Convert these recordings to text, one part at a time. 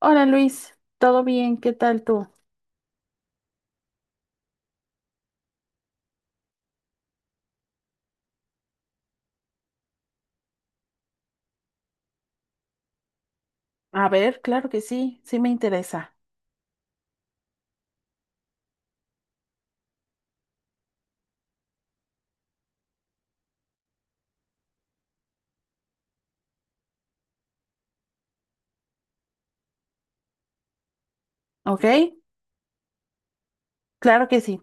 Hola Luis, ¿todo bien? ¿Qué tal tú? A ver, claro que sí, sí me interesa. ¿Ok? Claro que sí.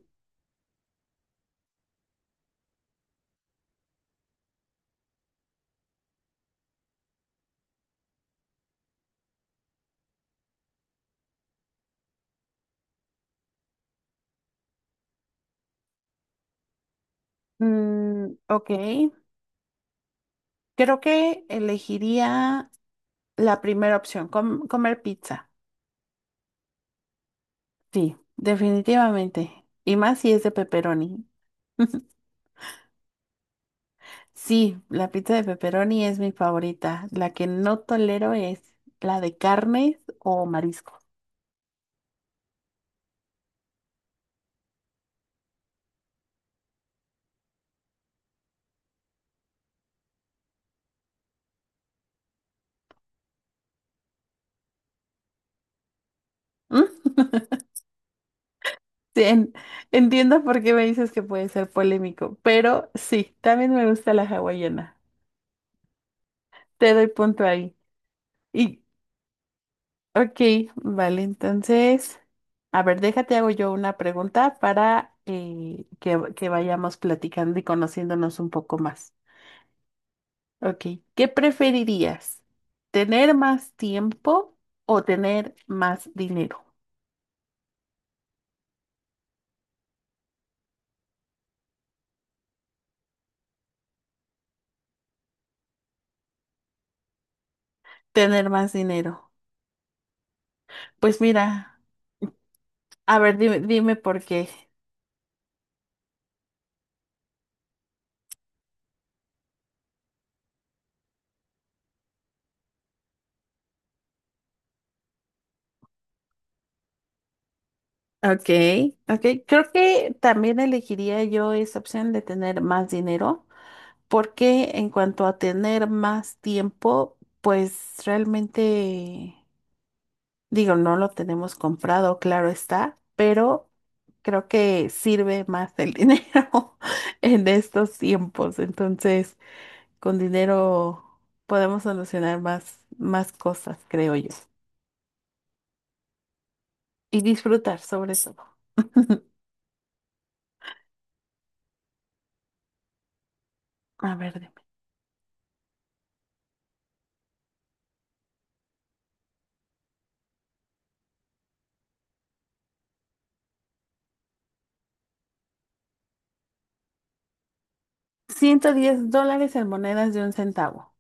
Mm, ok, creo que elegiría la primera opción, comer pizza. Sí, definitivamente. Y más si es de pepperoni. Sí, la pizza de pepperoni es mi favorita. La que no tolero es la de carnes o marisco. Sí, en- Entiendo por qué me dices que puede ser polémico, pero sí, también me gusta la hawaiana. Te doy punto ahí. Y, ok, vale, entonces, a ver, déjate, hago yo una pregunta para que vayamos platicando y conociéndonos un poco más. Ok, ¿qué preferirías? ¿Tener más tiempo o tener más dinero? Tener más dinero. Pues mira, a ver, dime, dime por qué. Ok, ok. Creo que también elegiría yo esa opción de tener más dinero, porque en cuanto a tener más tiempo, pues realmente, digo, no lo tenemos comprado, claro está, pero creo que sirve más el dinero en estos tiempos. Entonces, con dinero podemos solucionar más, más cosas, creo yo. Y disfrutar sobre todo. A ver. $110 en monedas de un centavo.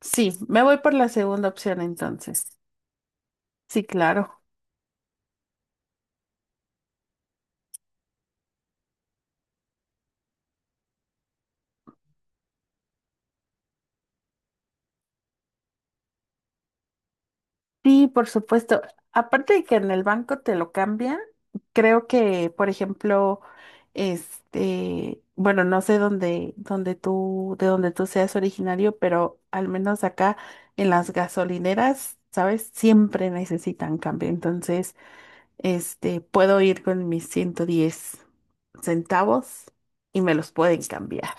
Sí, me voy por la segunda opción entonces. Sí, claro. Sí, por supuesto. Aparte de que en el banco te lo cambian, creo que, por ejemplo, este, bueno, no sé dónde, dónde tú, de dónde tú seas originario, pero al menos acá en las gasolineras, ¿sabes? Siempre necesitan cambio. Entonces, este, puedo ir con mis 110 centavos y me los pueden cambiar.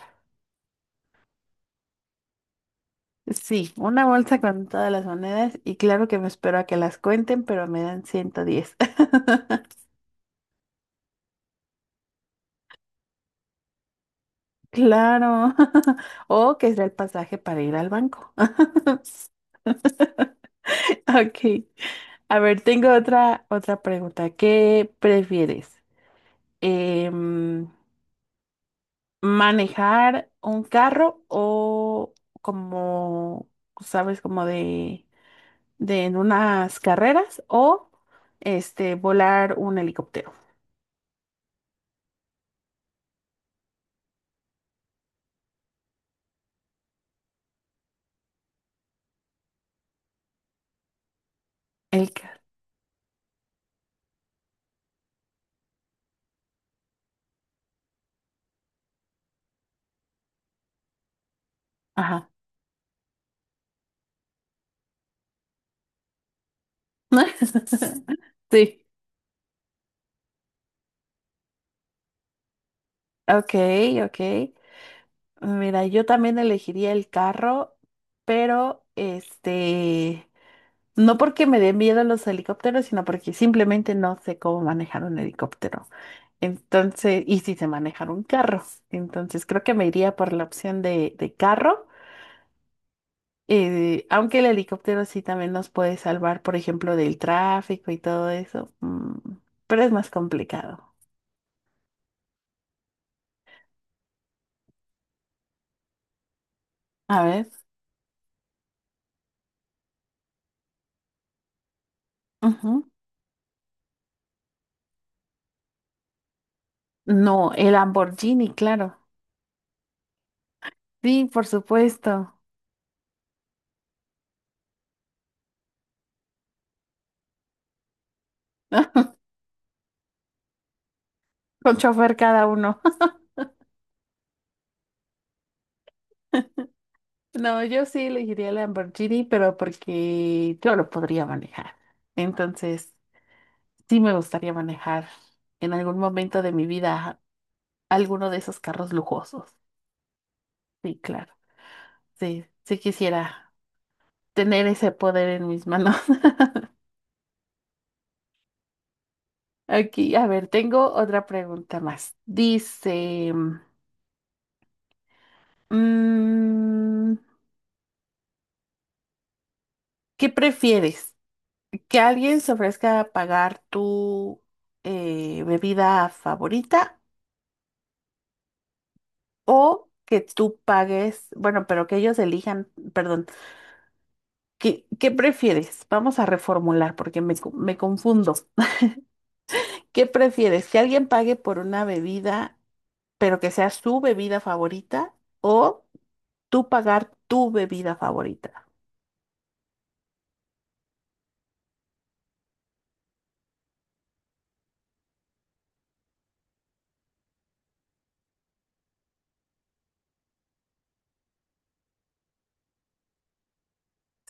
Sí, una bolsa con todas las monedas y claro que me espero a que las cuenten, pero me dan 110. Claro. O que sea el pasaje para ir al banco. Ok. A ver, tengo otra, otra pregunta. ¿Qué prefieres? Em, ¿manejar un carro o como, sabes, como de en unas carreras o este, volar un helicóptero? El ca- Ajá. Sí. Ok, ok. Mira, yo también elegiría el carro, pero este, no porque me den miedo los helicópteros, sino porque simplemente no sé cómo manejar un helicóptero. Entonces, y si sé manejar un carro. Entonces, creo que me iría por la opción de carro, aunque el helicóptero sí también nos puede salvar, por ejemplo, del tráfico y todo eso. Pero es más complicado. A ver. Ujú. No, el Lamborghini, claro. Sí, por supuesto. Con chofer cada uno. No, yo sí elegiría la Lamborghini, pero porque yo lo podría manejar. Entonces, sí me gustaría manejar en algún momento de mi vida alguno de esos carros lujosos. Sí, claro. Sí, sí quisiera tener ese poder en mis manos. Aquí, a ver, tengo otra pregunta más. Dice, mm, ¿qué prefieres? ¿Que alguien se ofrezca a pagar tu bebida favorita? O que tú pagues, bueno, pero que ellos elijan, perdón, ¿qué, qué prefieres? Vamos a reformular porque me confundo. ¿Qué prefieres? ¿Que alguien pague por una bebida, pero que sea su bebida favorita o tú pagar tu bebida favorita?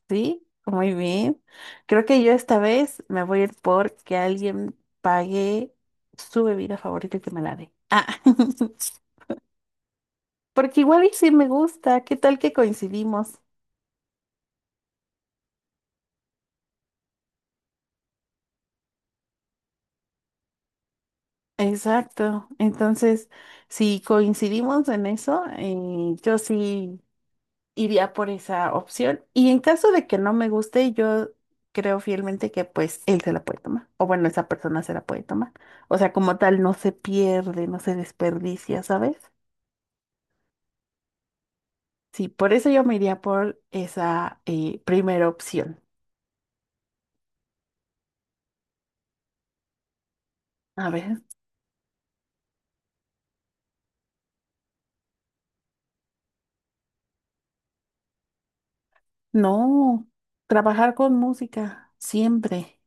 Sí, muy bien. Creo que yo esta vez me voy a ir por que alguien pague su bebida favorita y que me la dé. Ah. Porque igual y sí me gusta, ¿qué tal que coincidimos? Exacto. Entonces, si coincidimos en eso, yo sí iría por esa opción. Y en caso de que no me guste, yo creo fielmente que pues él se la puede tomar. O bueno, esa persona se la puede tomar. O sea, como tal, no se pierde, no se desperdicia, ¿sabes? Sí, por eso yo me iría por esa primera opción. A ver, no, trabajar con música, siempre.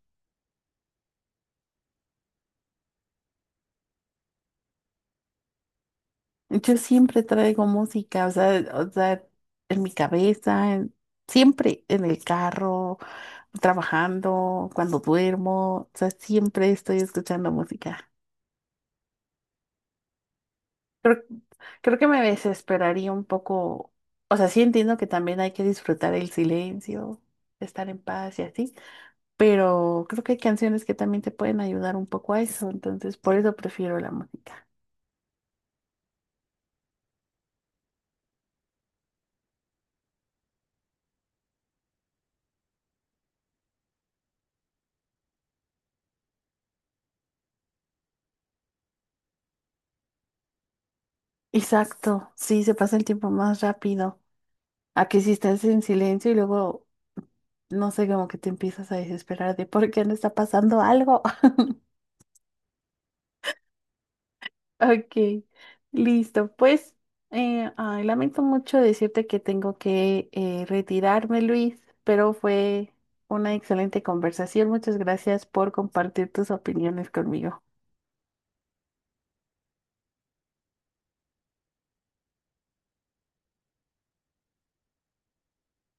Yo siempre traigo música, o sea, en mi cabeza, siempre en el carro, trabajando, cuando duermo, o sea, siempre estoy escuchando música. Creo, creo que me desesperaría un poco, o sea, sí entiendo que también hay que disfrutar el silencio, estar en paz y así, pero creo que hay canciones que también te pueden ayudar un poco a eso, entonces por eso prefiero la música. Exacto, sí, se pasa el tiempo más rápido a que si estás en silencio y luego no sé, como que te empiezas a desesperar de por qué no está pasando algo. Ok, listo. Pues, ay, lamento mucho decirte que tengo que retirarme, Luis, pero fue una excelente conversación. Muchas gracias por compartir tus opiniones conmigo.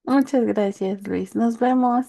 Muchas gracias, Luis. Nos vemos.